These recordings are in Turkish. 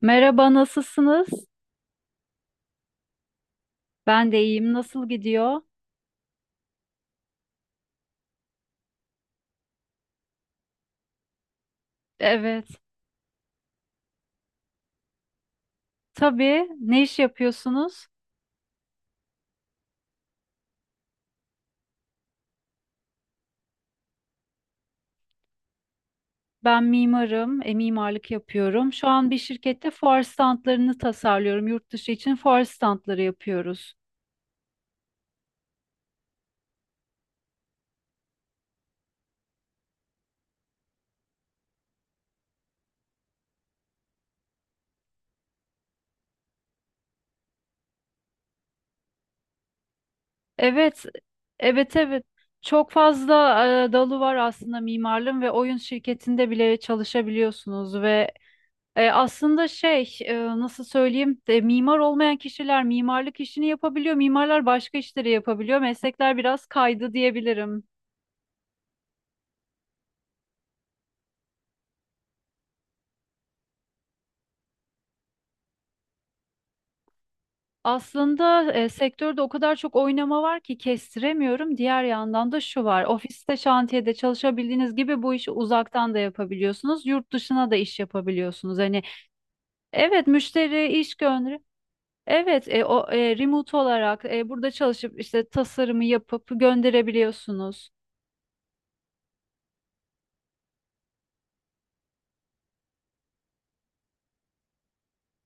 Merhaba, nasılsınız? Ben de iyiyim. Nasıl gidiyor? Evet. Tabii. Ne iş yapıyorsunuz? Ben mimarım, mimarlık yapıyorum. Şu an bir şirkette fuar standlarını tasarlıyorum. Yurt dışı için fuar standları yapıyoruz. Evet, evet, evet. Çok fazla dalı var aslında mimarlığın ve oyun şirketinde bile çalışabiliyorsunuz ve aslında nasıl söyleyeyim de, mimar olmayan kişiler mimarlık işini yapabiliyor. Mimarlar başka işleri yapabiliyor. Meslekler biraz kaydı diyebilirim. Aslında sektörde o kadar çok oynama var ki kestiremiyorum. Diğer yandan da şu var. Ofiste, şantiyede çalışabildiğiniz gibi bu işi uzaktan da yapabiliyorsunuz. Yurt dışına da iş yapabiliyorsunuz. Hani evet, müşteri iş gönderir. Evet, remote olarak burada çalışıp işte tasarımı yapıp gönderebiliyorsunuz.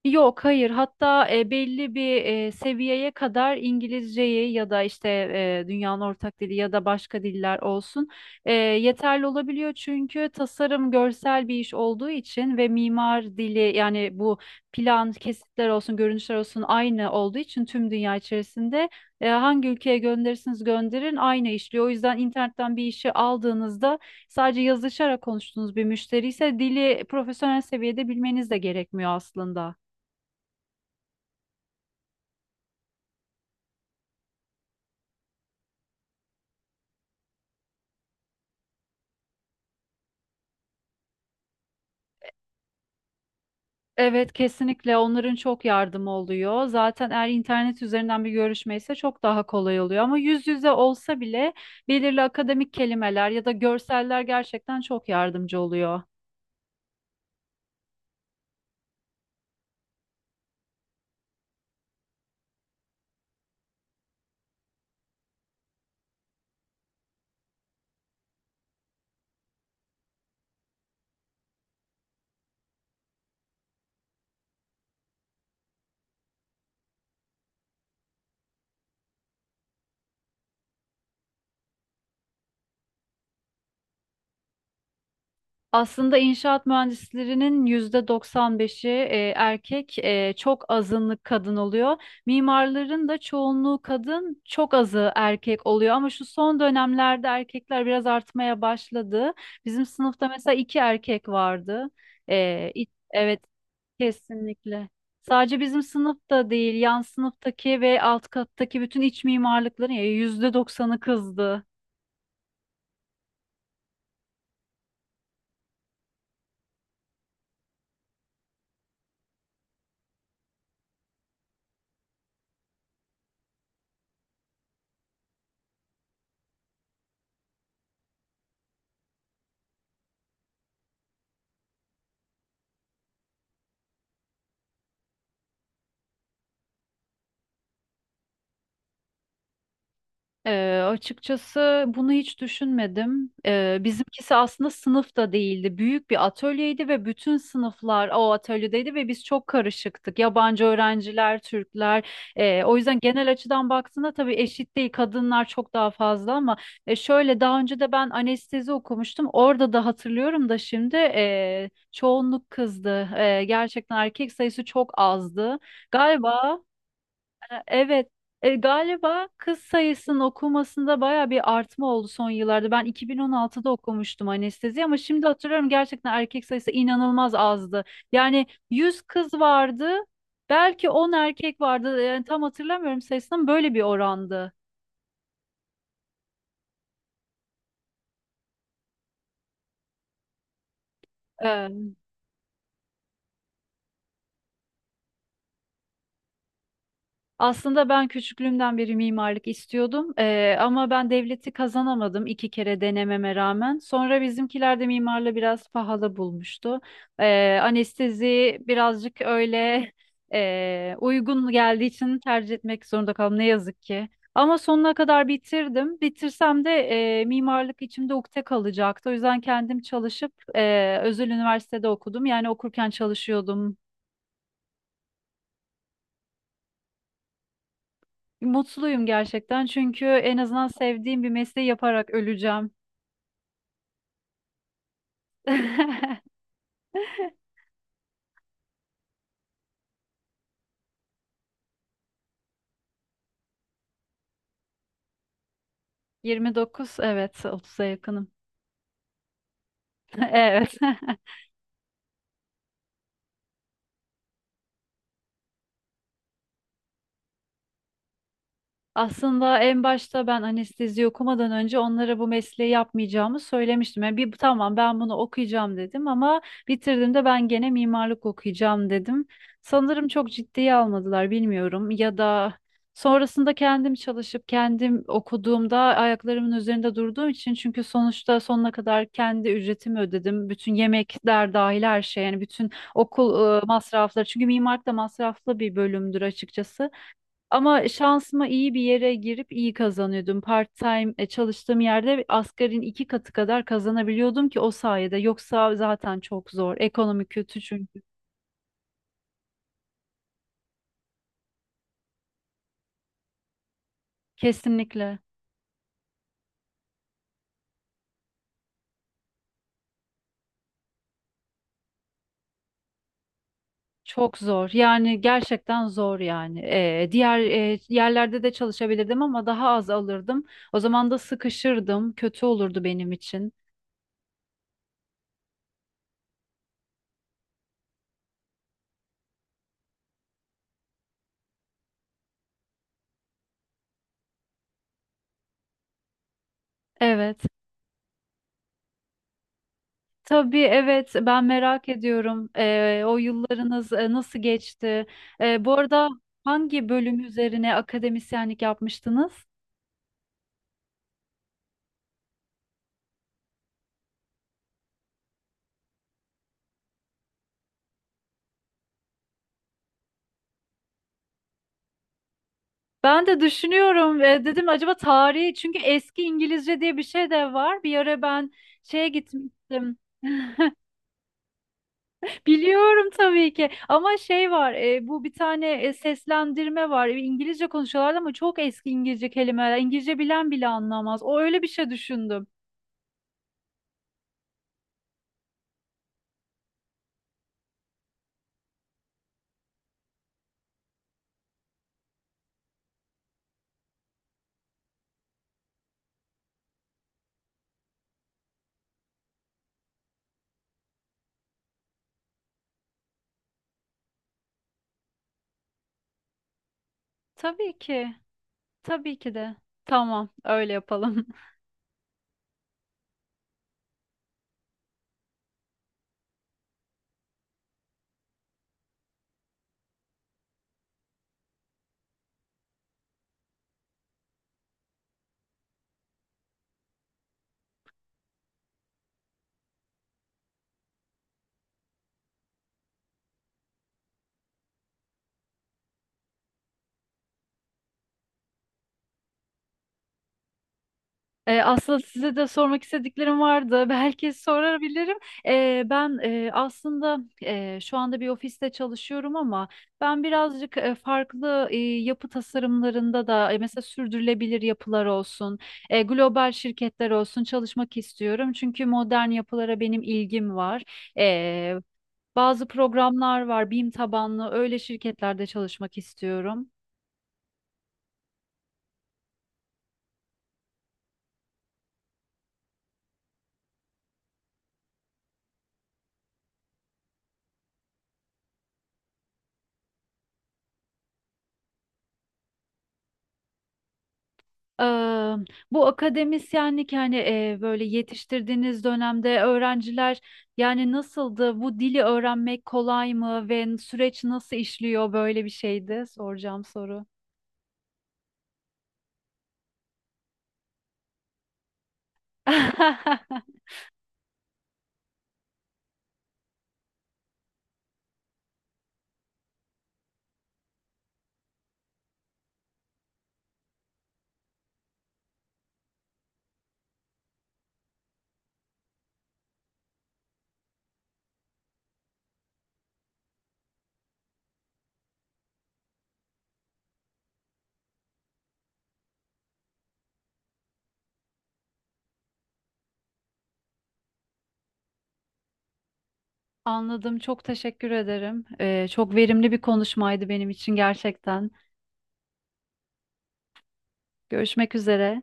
Yok, hayır. Hatta belli bir seviyeye kadar İngilizceyi ya da işte dünyanın ortak dili ya da başka diller olsun yeterli olabiliyor. Çünkü tasarım görsel bir iş olduğu için ve mimar dili, yani bu plan, kesitler olsun, görünüşler olsun aynı olduğu için tüm dünya içerisinde hangi ülkeye gönderirsiniz gönderin aynı işliyor. O yüzden internetten bir işi aldığınızda sadece yazışarak konuştuğunuz bir müşteri ise dili profesyonel seviyede bilmeniz de gerekmiyor aslında. Evet, kesinlikle onların çok yardımı oluyor. Zaten eğer internet üzerinden bir görüşme ise çok daha kolay oluyor. Ama yüz yüze olsa bile belirli akademik kelimeler ya da görseller gerçekten çok yardımcı oluyor. Aslında inşaat mühendislerinin %95'i erkek, çok azınlık kadın oluyor. Mimarların da çoğunluğu kadın, çok azı erkek oluyor. Ama şu son dönemlerde erkekler biraz artmaya başladı. Bizim sınıfta mesela iki erkek vardı. Evet, kesinlikle. Sadece bizim sınıfta değil, yan sınıftaki ve alt kattaki bütün iç mimarlıkların yüzde %90'ı kızdı. Açıkçası bunu hiç düşünmedim. Bizimkisi aslında sınıfta değildi. Büyük bir atölyeydi ve bütün sınıflar o atölyedeydi ve biz çok karışıktık. Yabancı öğrenciler, Türkler. O yüzden genel açıdan baktığında tabii eşit değil. Kadınlar çok daha fazla ama şöyle daha önce de ben anestezi okumuştum. Orada da hatırlıyorum da şimdi çoğunluk kızdı. Gerçekten erkek sayısı çok azdı. Galiba. Evet. Galiba kız sayısının okunmasında baya bir artma oldu son yıllarda. Ben 2016'da okumuştum anestezi ama şimdi hatırlıyorum gerçekten erkek sayısı inanılmaz azdı. Yani yüz kız vardı, belki 10 erkek vardı. Yani tam hatırlamıyorum sayısını ama böyle bir orandı. Aslında ben küçüklüğümden beri mimarlık istiyordum. Ama ben devleti kazanamadım iki kere denememe rağmen. Sonra bizimkiler de mimarlığı biraz pahalı bulmuştu. Anestezi birazcık öyle uygun geldiği için tercih etmek zorunda kaldım ne yazık ki. Ama sonuna kadar bitirdim. Bitirsem de mimarlık içimde ukde kalacaktı. O yüzden kendim çalışıp özel üniversitede okudum. Yani okurken çalışıyordum. Mutluyum gerçekten çünkü en azından sevdiğim bir mesleği yaparak öleceğim. 29, evet, 30'a yakınım. Evet. Aslında en başta ben anestezi okumadan önce onlara bu mesleği yapmayacağımı söylemiştim. Yani bir tamam, ben bunu okuyacağım dedim ama bitirdiğimde ben gene mimarlık okuyacağım dedim. Sanırım çok ciddiye almadılar, bilmiyorum, ya da sonrasında kendim çalışıp kendim okuduğumda ayaklarımın üzerinde durduğum için, çünkü sonuçta sonuna kadar kendi ücretimi ödedim. Bütün yemekler dahil her şey, yani bütün okul masrafları, çünkü mimarlık da masraflı bir bölümdür açıkçası. Ama şansıma iyi bir yere girip iyi kazanıyordum. Part-time çalıştığım yerde asgarin iki katı kadar kazanabiliyordum ki o sayede. Yoksa zaten çok zor. Ekonomi kötü çünkü. Kesinlikle. Çok zor. Yani gerçekten zor yani. Yerlerde de çalışabilirdim ama daha az alırdım. O zaman da sıkışırdım. Kötü olurdu benim için. Evet. Tabii, evet, ben merak ediyorum. O yıllarınız nasıl geçti? Bu arada hangi bölüm üzerine akademisyenlik yapmıştınız? Ben de düşünüyorum, dedim acaba tarihi, çünkü eski İngilizce diye bir şey de var. Bir ara ben şeye gitmiştim. Biliyorum tabii ki, ama şey var, bu bir tane seslendirme var. İngilizce konuşuyorlar ama çok eski İngilizce kelimeler, İngilizce bilen bile anlamaz, o öyle bir şey düşündüm. Tabii ki. Tabii ki de. Tamam, öyle yapalım. Aslında size de sormak istediklerim vardı. Belki sorabilirim. Aslında şu anda bir ofiste çalışıyorum ama ben birazcık farklı yapı tasarımlarında da, mesela sürdürülebilir yapılar olsun, global şirketler olsun, çalışmak istiyorum. Çünkü modern yapılara benim ilgim var. Ee, bazı programlar var, BİM tabanlı öyle şirketlerde çalışmak istiyorum. Eee, bu akademisyenlik, yani böyle yetiştirdiğiniz dönemde öğrenciler yani nasıldı? Bu dili öğrenmek kolay mı ve süreç nasıl işliyor, böyle bir şeydi soracağım soru. Anladım. Çok teşekkür ederim. Çok verimli bir konuşmaydı benim için gerçekten. Görüşmek üzere.